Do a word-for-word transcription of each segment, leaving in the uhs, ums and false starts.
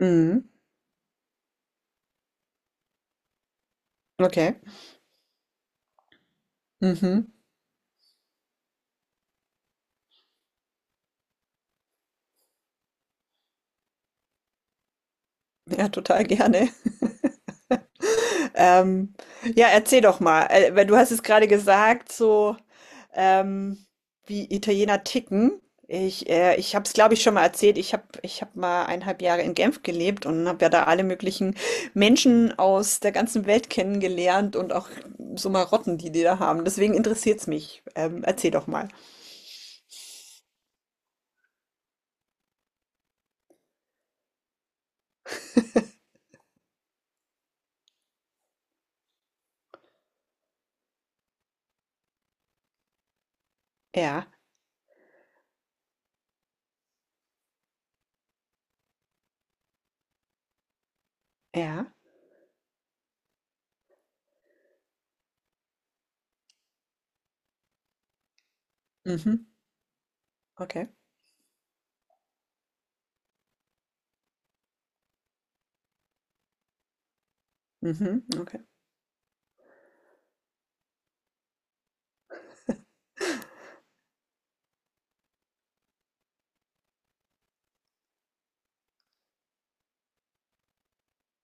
Mhm. Okay. Mhm. Ja, total gerne. Ähm, ja, erzähl doch mal. Äh, weil du hast es gerade gesagt, so ähm, wie Italiener ticken. Ich, äh, ich habe es, glaube ich, schon mal erzählt. Ich habe ich hab mal eineinhalb Jahre in Genf gelebt und habe ja da alle möglichen Menschen aus der ganzen Welt kennengelernt und auch so Marotten, die die da haben. Deswegen interessiert es mich. Ähm, erzähl doch mal. Ja, ja. Mhm. Okay. Mhm. Okay.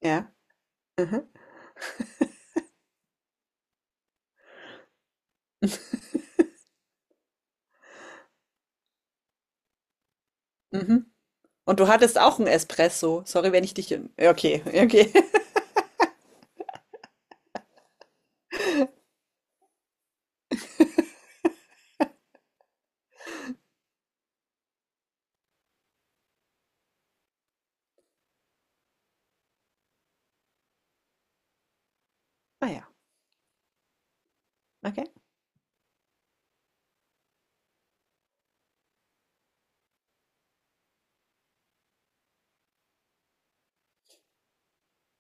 Ja. Mhm. Mhm. Und du hattest auch einen Espresso. Sorry, wenn ich dich, ja, okay, okay. Ah ja, okay.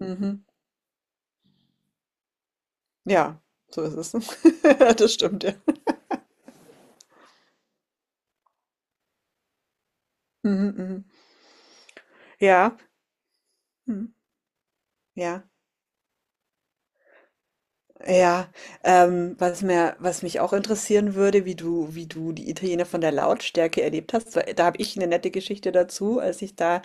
Mhm. Ja, so ist es. Das stimmt, ja. Mhm, mhm. Ja. Mhm. Ja. Ja. Ähm, was mir was mich auch interessieren würde, wie du wie du die Italiener von der Lautstärke erlebt hast, weil da habe ich eine nette Geschichte dazu. Als ich da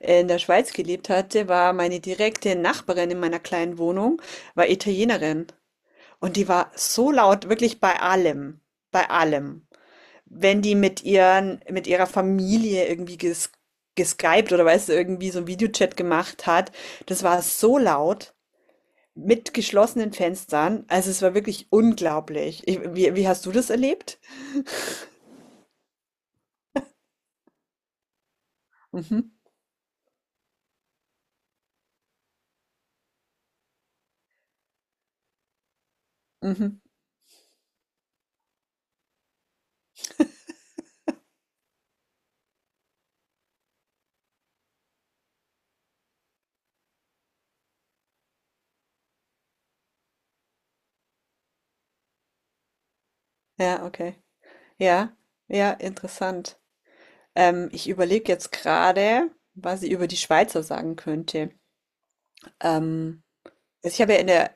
in der Schweiz gelebt hatte, war meine direkte Nachbarin in meiner kleinen Wohnung war Italienerin. Und die war so laut, wirklich bei allem, bei allem. Wenn die mit ihren, mit ihrer Familie irgendwie ges geskypt oder weißt du, irgendwie so einen Videochat gemacht hat, das war so laut mit geschlossenen Fenstern. Also es war wirklich unglaublich. Ich, wie, wie hast du das erlebt? Mhm, mhm. Ja, okay. Ja, ja, interessant. Ähm, ich überlege jetzt gerade, was ich über die Schweizer sagen könnte. Ähm, also ich habe ja in der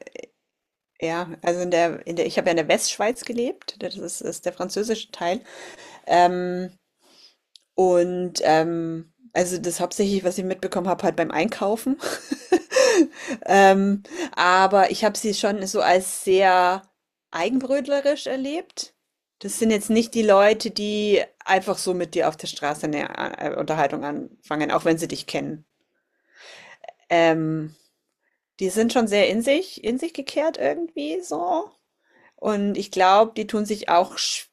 ja, also in der, in der, ich habe ja in der Westschweiz gelebt, das ist, ist der französische Teil. Ähm, und ähm, also das hauptsächlich, was ich mitbekommen habe, halt beim Einkaufen. Ähm, aber ich habe sie schon so als sehr eigenbrötlerisch erlebt. Das sind jetzt nicht die Leute, die einfach so mit dir auf der Straße eine äh, Unterhaltung anfangen, auch wenn sie dich kennen. Ähm, die sind schon sehr in sich, in sich gekehrt irgendwie so. Und ich glaube, die tun sich auch schwer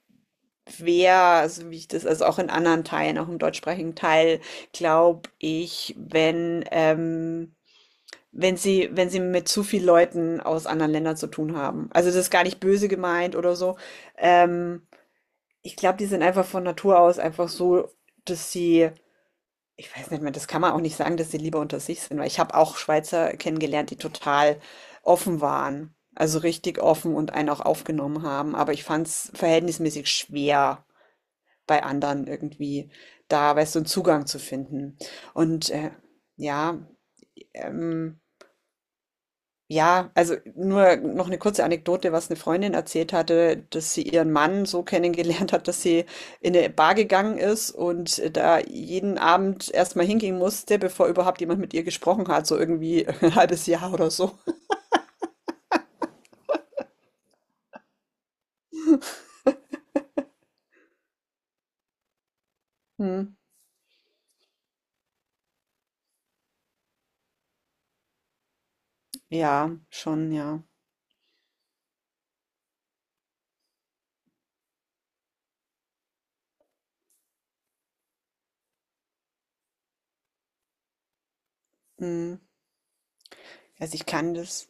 Schwer, also wie ich das, also auch in anderen Teilen, auch im deutschsprachigen Teil, glaube ich, wenn, ähm, wenn sie, wenn sie mit zu viel Leuten aus anderen Ländern zu tun haben. Also das ist gar nicht böse gemeint oder so. Ähm, ich glaube, die sind einfach von Natur aus einfach so, dass sie, ich weiß nicht mehr, das kann man auch nicht sagen, dass sie lieber unter sich sind, weil ich habe auch Schweizer kennengelernt, die total offen waren. Also richtig offen und einen auch aufgenommen haben. Aber ich fand es verhältnismäßig schwer bei anderen irgendwie da, weißt du, 'n Zugang zu finden. Und, äh, ja, ähm ja, also nur noch eine kurze Anekdote, was eine Freundin erzählt hatte, dass sie ihren Mann so kennengelernt hat, dass sie in eine Bar gegangen ist und da jeden Abend erstmal mal hingehen musste, bevor überhaupt jemand mit ihr gesprochen hat, so irgendwie 'n halbes Jahr oder so. Mhm. Ja, schon, ja. Mhm. Also, ich kann das,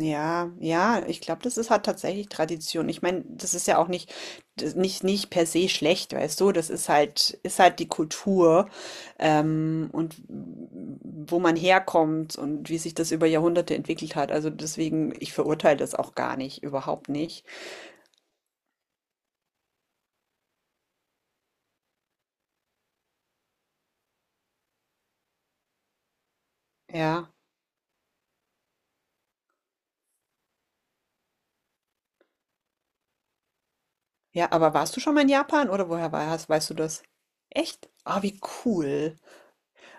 ja, ja, ich glaube, das ist halt tatsächlich Tradition. Ich meine, das ist ja auch nicht, das- nicht, nicht per se schlecht, weißt du? Das ist halt, ist halt die Kultur, ähm, und wo man herkommt und wie sich das über Jahrhunderte entwickelt hat. Also deswegen, ich verurteile das auch gar nicht, überhaupt nicht. Ja, ja, aber warst du schon mal in Japan oder woher war- weißt du das? Echt? Ah, wie cool.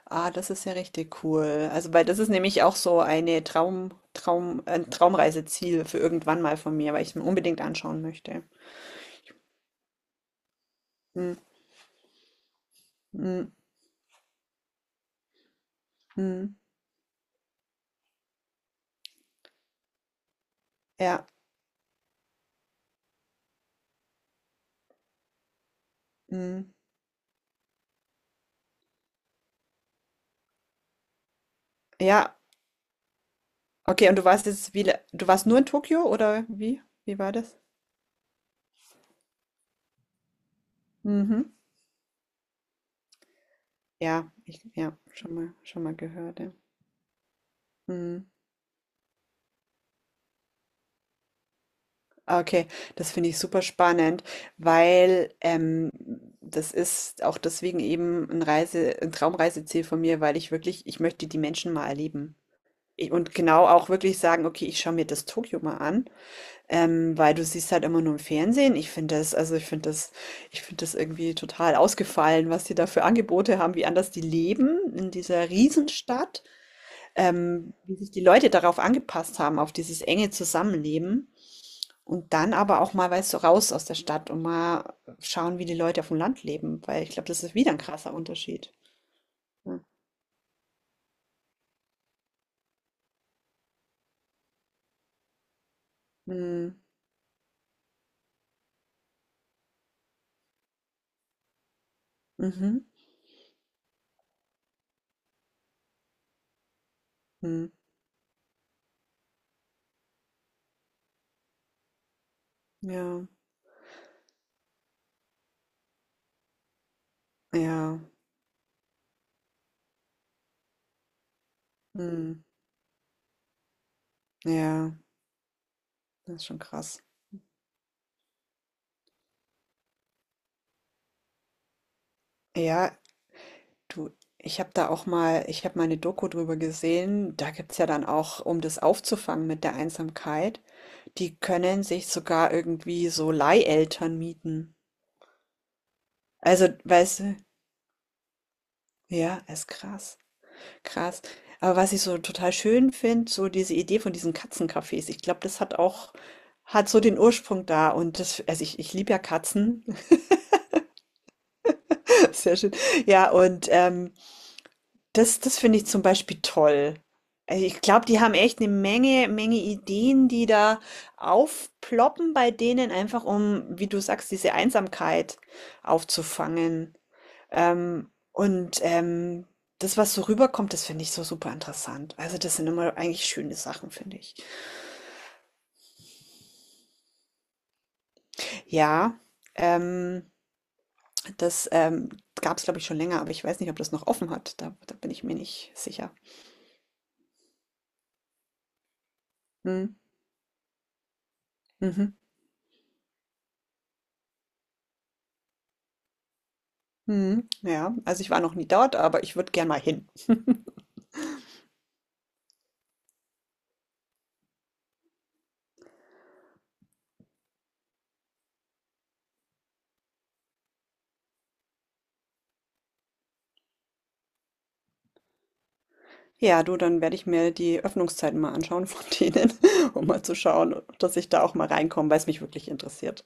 Ah, das ist ja richtig cool. Also, weil das ist nämlich auch so eine Traum, Traum, ein Traumreiseziel für irgendwann mal von mir, weil ich es mir unbedingt anschauen möchte. Hm, hm, hm, ja, hm, ja. Okay, und du warst jetzt wieder, du warst nur in Tokio oder wie? Wie war das? Mhm. Ja, ich, ja, schon mal, schon mal gehört, ja. Hm. Ah, okay, das finde ich super spannend, weil ähm, das ist auch deswegen eben ein Reise, ein Traumreiseziel von mir, weil ich wirklich, ich möchte die Menschen mal erleben. Ich- Und genau auch wirklich sagen, okay, ich schaue mir das Tokio mal an, ähm, weil du siehst halt immer nur im Fernsehen. Ich finde das, also ich finde das, ich finde das irgendwie total ausgefallen, was die da für Angebote haben, wie anders die leben in dieser Riesenstadt, ähm, wie sich die Leute darauf angepasst haben, auf dieses enge Zusammenleben. Und dann aber auch mal, weißt du, raus aus der Stadt und mal schauen, wie die Leute auf dem Land leben, weil ich glaube, das ist wieder ein krasser Unterschied. Ja. Mhm. Mhm. Mhm. Ja, ja, mhm. Ja, das ist schon krass. Ja, du, ich habe da auch mal, ich habe mal eine Doku drüber gesehen. Da gibt es ja dann auch, um das aufzufangen mit der Einsamkeit, die können sich sogar irgendwie so Leiheltern mieten. Also, weißt du, ja, ist krass. Krass. Aber was ich so total schön finde, so diese Idee von diesen Katzencafés, ich glaube, das hat auch, hat so den Ursprung da. Und das, also ich, ich liebe ja Katzen. Sehr schön. Ja, und ähm, das, das finde ich zum Beispiel toll. Also ich glaube, die haben echt eine Menge, Menge Ideen, die da aufploppen bei denen, einfach um, wie du sagst, diese Einsamkeit aufzufangen. Ähm, und ähm, das, was so rüberkommt, das finde ich so super interessant. Also das sind immer eigentlich schöne Sachen, finde ich. Ja, ähm, das ähm, gab es, glaube ich, schon länger, aber ich weiß nicht, ob das noch offen hat. Da, da bin ich mir nicht sicher. Hm, mhm. Mhm. Ja, also ich war noch nie dort, aber ich würde gern mal hin. Ja, du, dann werde ich mir die Öffnungszeiten mal anschauen von denen, um mal zu schauen, dass ich da auch mal reinkomme, weil es mich wirklich interessiert.